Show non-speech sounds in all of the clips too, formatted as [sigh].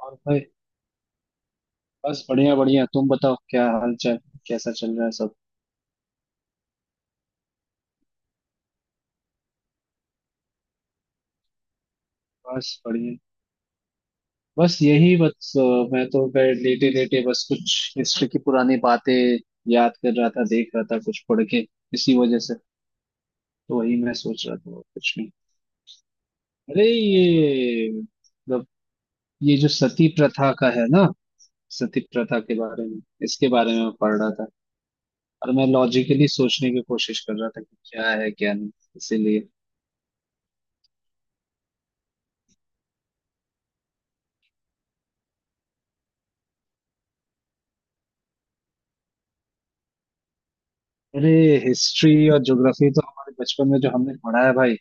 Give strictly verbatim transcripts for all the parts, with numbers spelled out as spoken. और भाई। बस बढ़िया बढ़िया, तुम बताओ क्या हाल चाल, कैसा चल रहा है सब। बस बढ़िया। बस यही बस अ, मैं तो गए लेटे लेटे बस कुछ हिस्ट्री की पुरानी बातें याद कर रहा था, देख रहा था कुछ पढ़ के, इसी वजह से। तो वही मैं सोच रहा था और कुछ नहीं। अरे ये मतलब ये जो सती प्रथा का है ना, सती प्रथा के बारे में, इसके बारे में मैं पढ़ रहा था। और मैं लॉजिकली सोचने की कोशिश कर रहा था कि क्या है क्या नहीं, इसीलिए। अरे हिस्ट्री और ज्योग्राफी तो हमारे बचपन में जो हमने पढ़ा है भाई,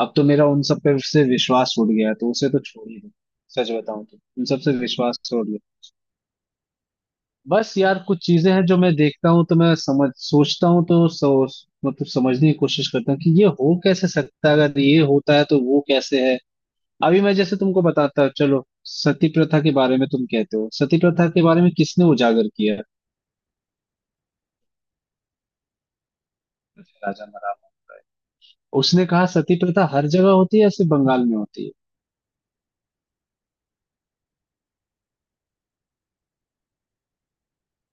अब तो मेरा उन सब पे से विश्वास उड़ गया है तो उसे तो छोड़ ही दो। सच बताऊं तो उन सब से विश्वास छोड़ गया। बस यार कुछ चीजें हैं जो मैं देखता हूँ, तो मैं समझ सोचता हूँ तो सोच मतलब समझने की कोशिश करता हूँ कि ये हो कैसे सकता है, अगर ये होता है तो वो कैसे है। अभी मैं जैसे तुमको बताता हूँ, चलो सती प्रथा के बारे में, तुम कहते हो सती प्रथा के बारे में किसने उजागर किया है? राजा मराठा। उसने कहा सती प्रथा हर जगह होती है या सिर्फ बंगाल में होती है।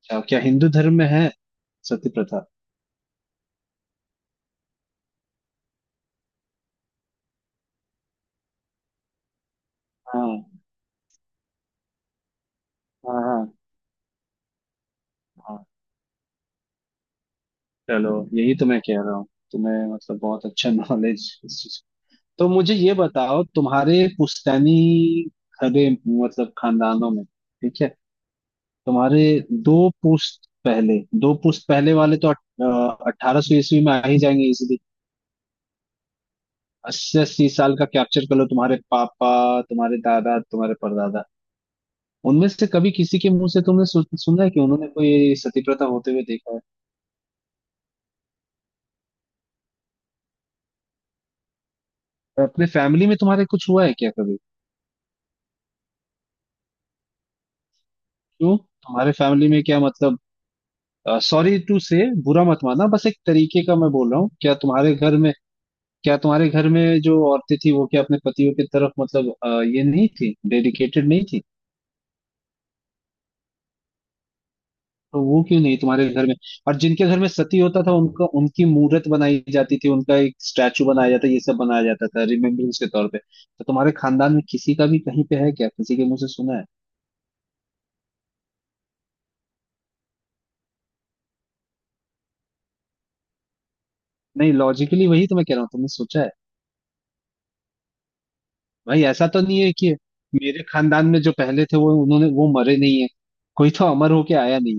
अच्छा, क्या हिंदू धर्म में है सती प्रथा? हाँ हाँ हाँ हाँ। चलो यही तो मैं कह रहा हूँ। तुम्हें मतलब बहुत अच्छा [laughs] नॉलेज इस चीज। तो मुझे ये बताओ तुम्हारे पुश्तैनी घरे, मतलब खानदानों में, ठीक है? तुम्हारे दो पुश्त पहले, दो पुश्त पहले वाले तो अठारह सौ ईस्वी में आ ही जाएंगे इजिली। अस्सी अस्सी साल का कैप्चर कर लो। तुम्हारे पापा, तुम्हारे दादा, तुम्हारे परदादा, उनमें से कभी किसी के मुंह से तुमने सु, सुना है कि उन्होंने कोई सती प्रथा होते हुए देखा है? अपने फैमिली में तुम्हारे कुछ हुआ है क्या कभी? क्यों तुम्हारे फैमिली में क्या मतलब, सॉरी टू से, बुरा मत मानना, बस एक तरीके का मैं बोल रहा हूँ क्या तुम्हारे घर में, क्या तुम्हारे घर में जो औरतें थी वो क्या अपने पतियों की तरफ मतलब अ, ये नहीं थी, डेडिकेटेड नहीं थी? तो वो क्यों नहीं तुम्हारे घर में? और जिनके घर में सती होता था उनका उनकी मूर्त बनाई जाती थी, उनका एक स्टैचू बनाया जाता, ये सब बनाया जाता था रिमेम्बरेंस के तौर पे। तो तुम्हारे खानदान में किसी का भी कहीं पे है क्या, किसी के मुंह से सुना है? नहीं लॉजिकली वही तो मैं कह रहा हूँ, तुमने सोचा है? भाई ऐसा तो नहीं है कि मेरे खानदान में जो पहले थे वो उन्होंने वो मरे नहीं है, कोई तो अमर होके आया नहीं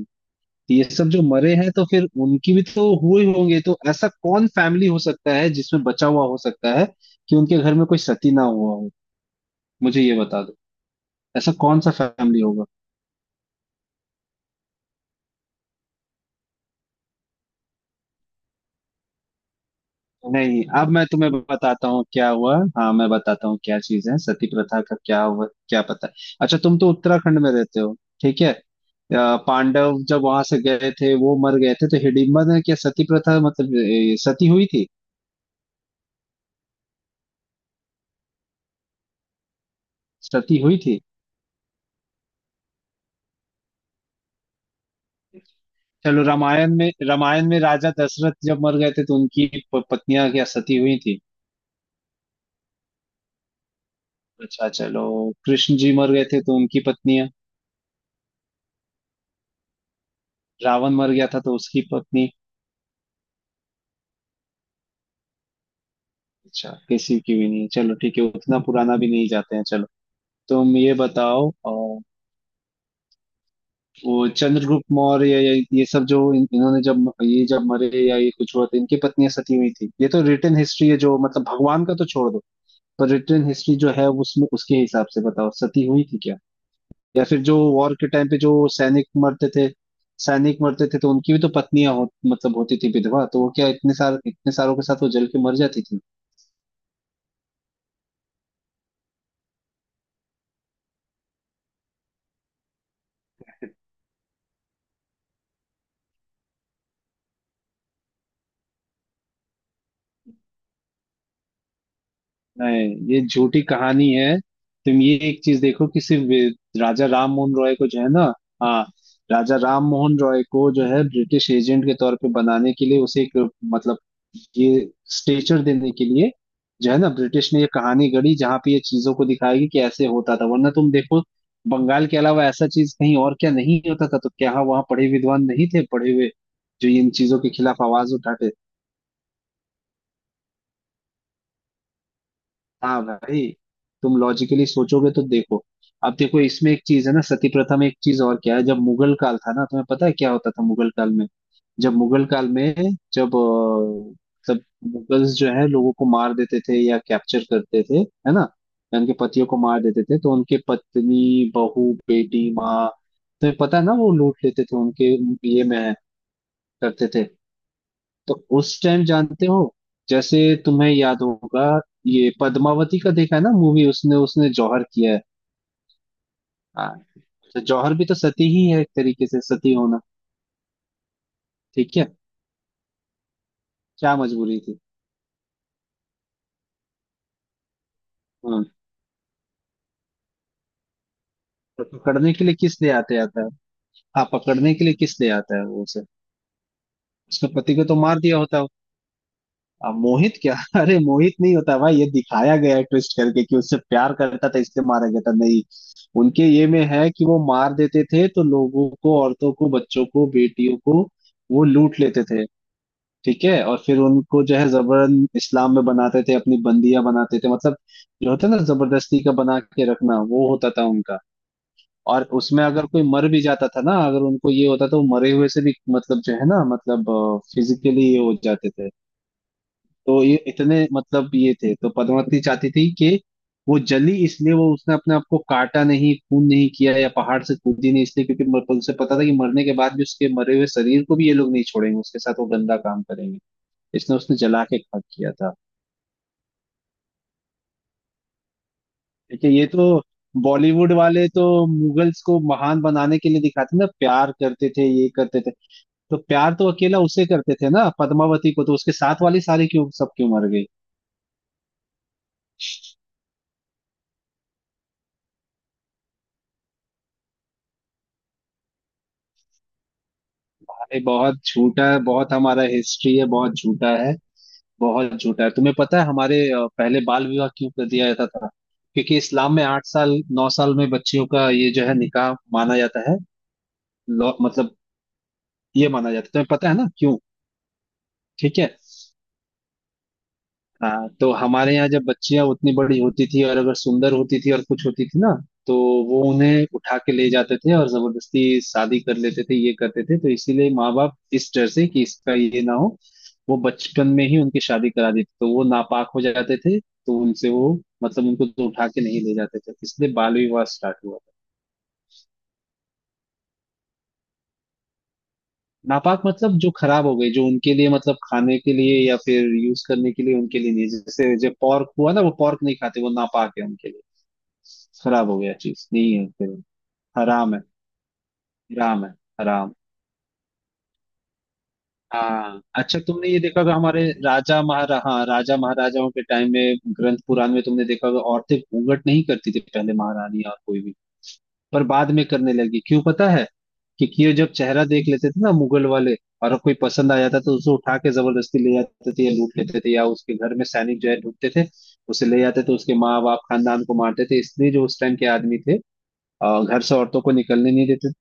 है। ये सब जो मरे हैं तो फिर उनकी भी तो हुए होंगे, तो ऐसा कौन फैमिली हो सकता है जिसमें बचा हुआ हो सकता है कि उनके घर में कोई सती ना हुआ हो? मुझे ये बता दो, ऐसा कौन सा फैमिली होगा? नहीं अब मैं तुम्हें बताता हूँ क्या हुआ, हाँ मैं बताता हूँ क्या चीज है सती प्रथा का क्या हुआ, क्या पता है? अच्छा तुम तो उत्तराखंड में रहते हो, ठीक है। अ, पांडव जब वहां से गए थे, वो मर गए थे, तो हिडिंबा ने क्या सती प्रथा मतलब ए, सती हुई थी? सती हुई थी? चलो रामायण में, रामायण में राजा दशरथ जब मर गए थे तो उनकी प- पत्नियां क्या सती हुई थी? अच्छा चलो, कृष्ण जी मर गए थे तो उनकी पत्नियां? रावण मर गया था तो उसकी पत्नी? अच्छा किसी की भी नहीं, चलो ठीक है, उतना पुराना भी नहीं जाते हैं चलो। तुम ये बताओ अ, वो चंद्रगुप्त मौर्य या या ये सब जो इन, इन्होंने जब ये जब मरे या ये कुछ हुआ तो इनकी पत्नियां सती हुई थी? ये तो रिटर्न हिस्ट्री है, जो मतलब भगवान का तो छोड़ दो, पर रिटर्न हिस्ट्री जो है उसमें, उसके हिसाब से बताओ सती हुई थी क्या? या फिर जो वॉर के टाइम पे जो सैनिक मरते थे, सैनिक मरते थे तो उनकी भी तो पत्नियां हो, मतलब होती थी विधवा, तो वो क्या इतने सार इतने सारों के साथ वो जल के मर जाती थी? नहीं, ये झूठी कहानी है। तुम ये एक चीज देखो कि सिर्फ वे- राजा राम मोहन रॉय को जो है ना, हाँ राजा राम मोहन रॉय को जो है ब्रिटिश एजेंट के तौर पे बनाने के लिए, उसे एक मतलब ये स्टेचर देने के लिए जो है ना, ब्रिटिश ने ये कहानी गढ़ी जहाँ पे ये चीजों को दिखाएगी कि ऐसे होता था। वरना तुम देखो, बंगाल के अलावा ऐसा चीज कहीं और क्या नहीं होता था? तो क्या वहाँ पढ़े विद्वान नहीं थे, पढ़े हुए, जो इन चीजों के खिलाफ आवाज उठाते? हाँ भाई, तुम लॉजिकली सोचोगे तो देखो। अब देखो इसमें एक चीज है ना, सती प्रथा में एक चीज और क्या है, जब मुगल काल था ना, तुम्हें पता है क्या होता था मुगल काल में, जब मुगल काल में, जब अ, तब मुगल्स जो है लोगों को मार देते थे या कैप्चर करते थे, है ना? या उनके पतियों को मार देते थे तो उनके पत्नी, बहू, बेटी, माँ, तुम्हें पता है ना, वो लूट लेते थे, उनके ये में करते थे। तो उस टाइम जानते हो, जैसे तुम्हें याद होगा, ये पद्मावती का देखा है ना मूवी, उसने उसने जौहर किया है। हाँ, तो जौहर भी तो सती ही है एक तरीके से सती होना। ठीक है, क्या मजबूरी थी? हाँ तो पकड़ने के लिए किस ले आते आता है, हाँ पकड़ने के लिए किस ले आता है वो उसे? उसके पति को तो मार दिया होता है। अब मोहित क्या? [laughs] अरे मोहित नहीं होता भाई, ये दिखाया गया है ट्विस्ट करके कि उससे प्यार करता था इसलिए मारा गया था, नहीं। उनके ये में है कि वो मार देते थे तो लोगों को, औरतों को, बच्चों को, बेटियों को वो लूट लेते थे, ठीक है। और फिर उनको जो है जबरन इस्लाम में बनाते थे, अपनी बंदियां बनाते थे मतलब, जो होता है ना जबरदस्ती का बना के रखना, वो होता था उनका। और उसमें अगर कोई मर भी जाता था ना, अगर उनको ये होता तो वो मरे हुए से भी मतलब जो है ना मतलब फिजिकली ये हो जाते थे। तो ये इतने मतलब ये थे, तो पद्मावती चाहती थी कि वो जली इसलिए, वो उसने अपने आप को काटा नहीं, खून नहीं किया या पहाड़ से कूदी नहीं, इसलिए क्योंकि मर- तो उसे पता था कि मरने के बाद भी उसके मरे हुए शरीर को भी ये लोग नहीं छोड़ेंगे, उसके साथ वो गंदा काम करेंगे, इसने उसने जला के खाक किया था। ठीक है, ये तो बॉलीवुड वाले तो मुगल्स को महान बनाने के लिए दिखाते ना, प्यार करते थे, ये करते थे। तो प्यार तो अकेला उसे करते थे ना पद्मावती को, तो उसके साथ वाली सारी क्यों सब क्यों मर गई? अरे बहुत झूठा है, बहुत हमारा हिस्ट्री है बहुत झूठा है, बहुत झूठा है। तुम्हें पता है हमारे अ, पहले बाल विवाह क्यों कर दिया जाता था? क्योंकि इस्लाम में आठ साल, नौ साल में बच्चियों का ये जो है निकाह माना जाता है। लॉ- मतलब ये माना जाता है, तुम्हें पता है ना क्यों? ठीक है। हाँ तो हमारे यहाँ जब बच्चियां उतनी बड़ी होती थी और अगर सुंदर होती थी और कुछ होती थी ना, तो वो उन्हें उठा के ले जाते थे और जबरदस्ती शादी कर लेते थे, ये करते थे। तो इसीलिए माँ बाप इस डर से कि इसका ये ना हो, वो बचपन में ही उनकी शादी करा देते तो वो नापाक हो जाते थे, तो उनसे वो मतलब उनको तो उठा के नहीं ले जाते थे, इसलिए बाल विवाह स्टार्ट हुआ था। नापाक मतलब जो खराब हो गए, जो उनके लिए मतलब खाने के लिए या फिर यूज करने के लिए उनके लिए नहीं, जैसे जो पॉर्क हुआ ना वो पॉर्क नहीं खाते, वो नापाक है उनके लिए, खराब हो गया चीज नहीं है फिर। हराम है, हराम है, हराम। हाँ अच्छा, तुमने ये देखा होगा हमारे राजा महारा हाँ राजा महाराजाओं के टाइम में, ग्रंथ पुराण में तुमने देखा होगा औरतें घूंघट नहीं करती थी पहले, महारानी और कोई भी। पर बाद में करने लगी, क्यों पता है? क्योंकि ये जब चेहरा देख लेते थे ना मुगल वाले और कोई पसंद आ जाता तो उसे उठा के जबरदस्ती ले जाते थे या लूट लेते थे, या उसके घर में सैनिक जो है ढूंढते थे, उसे ले जाते थे, उसके माँ बाप खानदान को मारते थे। इसलिए जो उस टाइम के आदमी थे, अ, घर से औरतों को निकलने नहीं देते,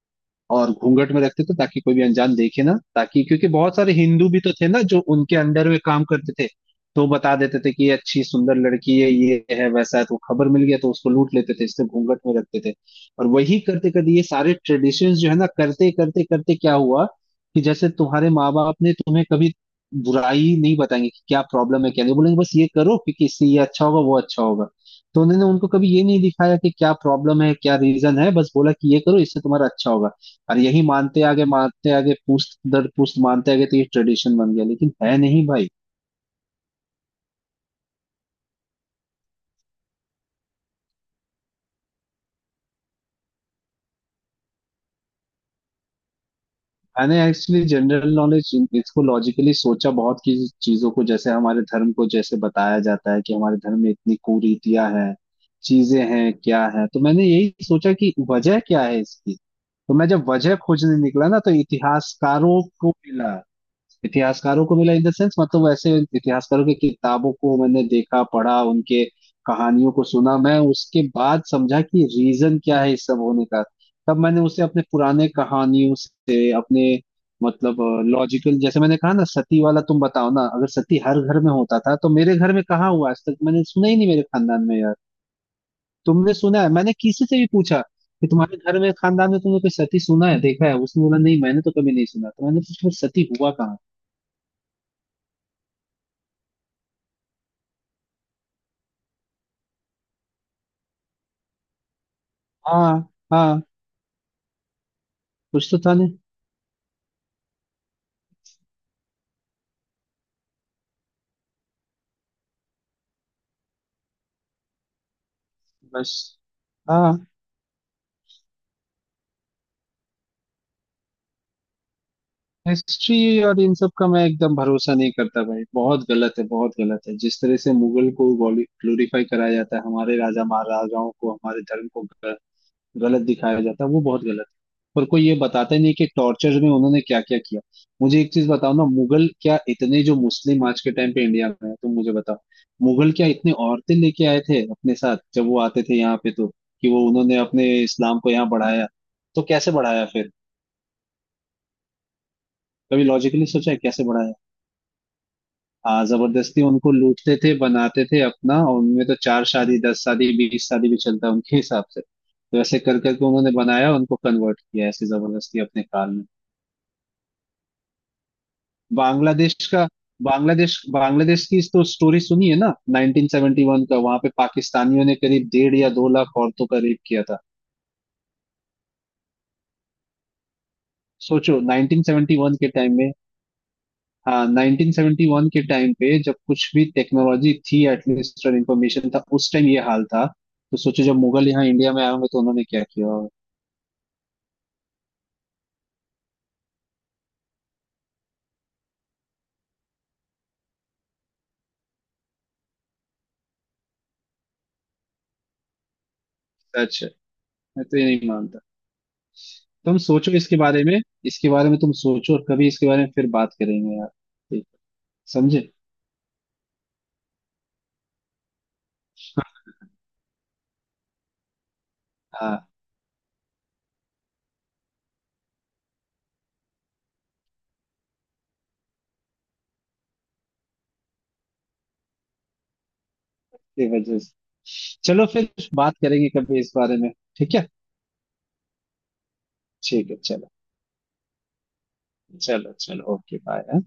और घूंघट में रखते थे ताकि कोई भी अनजान देखे ना, ताकि क्योंकि बहुत सारे हिंदू भी तो थे ना जो उनके अंडर में काम करते थे, तो बता देते थे कि ये अच्छी सुंदर लड़की है, ये है वैसा है, तो खबर मिल गया तो उसको लूट लेते थे, इसलिए घूंघट में रखते थे। और वही करते करते ये सारे ट्रेडिशंस जो है ना, करते करते करते क्या हुआ कि, जैसे तुम्हारे माँ बाप ने तुम्हें कभी बुराई नहीं बताएंगे कि क्या प्रॉब्लम है, क्या नहीं बोलेंगे, बस ये करो क्योंकि इससे ये अच्छा होगा वो अच्छा होगा, तो उन्होंने उनको कभी ये नहीं दिखाया कि क्या प्रॉब्लम है, क्या रीजन है, बस बोला कि ये करो इससे तुम्हारा अच्छा होगा, और यही मानते आगे मानते आगे पुश्त दर पुश्त मानते आगे, तो ये ट्रेडिशन बन गया, लेकिन है नहीं भाई। मैंने एक्चुअली जनरल नॉलेज इसको लॉजिकली सोचा बहुत की, चीजों को जैसे हमारे धर्म को जैसे बताया जाता है कि हमारे धर्म में इतनी कुरीतियां हैं, चीजें हैं क्या है, तो मैंने यही सोचा कि वजह क्या है इसकी, तो मैं जब वजह खोजने निकला ना, तो इतिहासकारों को मिला, इतिहासकारों को मिला इन द सेंस, मतलब वैसे इतिहासकारों की किताबों को मैंने देखा पढ़ा, उनके कहानियों को सुना, मैं उसके बाद समझा कि रीजन क्या है इस सब होने का। तब मैंने उसे अपने पुराने कहानियों से अपने, मतलब लॉजिकल, जैसे मैंने कहा ना सती वाला, तुम बताओ ना अगर सती हर घर में होता था तो मेरे घर में कहाँ हुआ, आज तक मैंने सुना ही नहीं मेरे खानदान में यार। तुमने सुना है? मैंने किसी से भी पूछा कि तुम्हारे घर में खानदान में तुमने कोई सती सुना है, देखा है, उसने बोला नहीं मैंने तो कभी नहीं सुना, तो मैंने पूछा फिर सती हुआ कहाँ? हाँ हाँ, कुछ तो था नहीं, बस। हाँ हिस्ट्री और इन सब का मैं एकदम भरोसा नहीं करता भाई, बहुत गलत है बहुत गलत है, जिस तरह से मुगल को ग्लोरीफाई कराया जाता है, हमारे राजा महाराजाओं को, हमारे धर्म को गलत दिखाया जाता है, वो बहुत गलत है। पर कोई ये बताता ही नहीं कि टॉर्चर में उन्होंने क्या क्या किया। मुझे एक चीज बताओ ना, मुगल क्या इतने, जो मुस्लिम आज के टाइम पे इंडिया में है, तुम मुझे बताओ मुगल क्या इतने औरतें लेके आए थे अपने साथ जब वो आते थे यहाँ पे? तो कि वो उन्होंने अपने इस्लाम को यहाँ बढ़ाया, तो कैसे बढ़ाया फिर? कभी लॉजिकली सोचा है कैसे बढ़ाया? हाँ, जबरदस्ती उनको लूटते थे, बनाते थे अपना, और उनमें तो चार शादी दस शादी बीस शादी भी चलता है उनके हिसाब से, तो ऐसे कर करके उन्होंने बनाया, उनको कन्वर्ट किया ऐसे जबरदस्ती अपने काल में। बांग्लादेश का, बांग्लादेश, बांग्लादेश की तो स्टोरी सुनी है ना, नाइनटीन सेवनटी वन का, वहां पे पाकिस्तानियों ने करीब डेढ़ या दो लाख औरतों का रेप किया था। सोचो नाइनटीन सेवनटी वन के टाइम में, हाँ नाइनटीन सेवनटी वन के टाइम पे जब कुछ भी टेक्नोलॉजी थी एटलीस्ट और इंफॉर्मेशन था, उस टाइम ये हाल था। तो सोचो जब मुगल यहाँ इंडिया में आए होंगे तो उन्होंने क्या किया होगा। सच है, मैं तो ये नहीं मानता। तुम सोचो इसके बारे में, इसके बारे में तुम सोचो और कभी इसके बारे में फिर बात करेंगे यार, ठीक है, समझे? हाँ की वजह से, चलो फिर बात करेंगे कभी इस बारे में। ठीक है, ठीक है। चलो चलो चलो ओके बाय।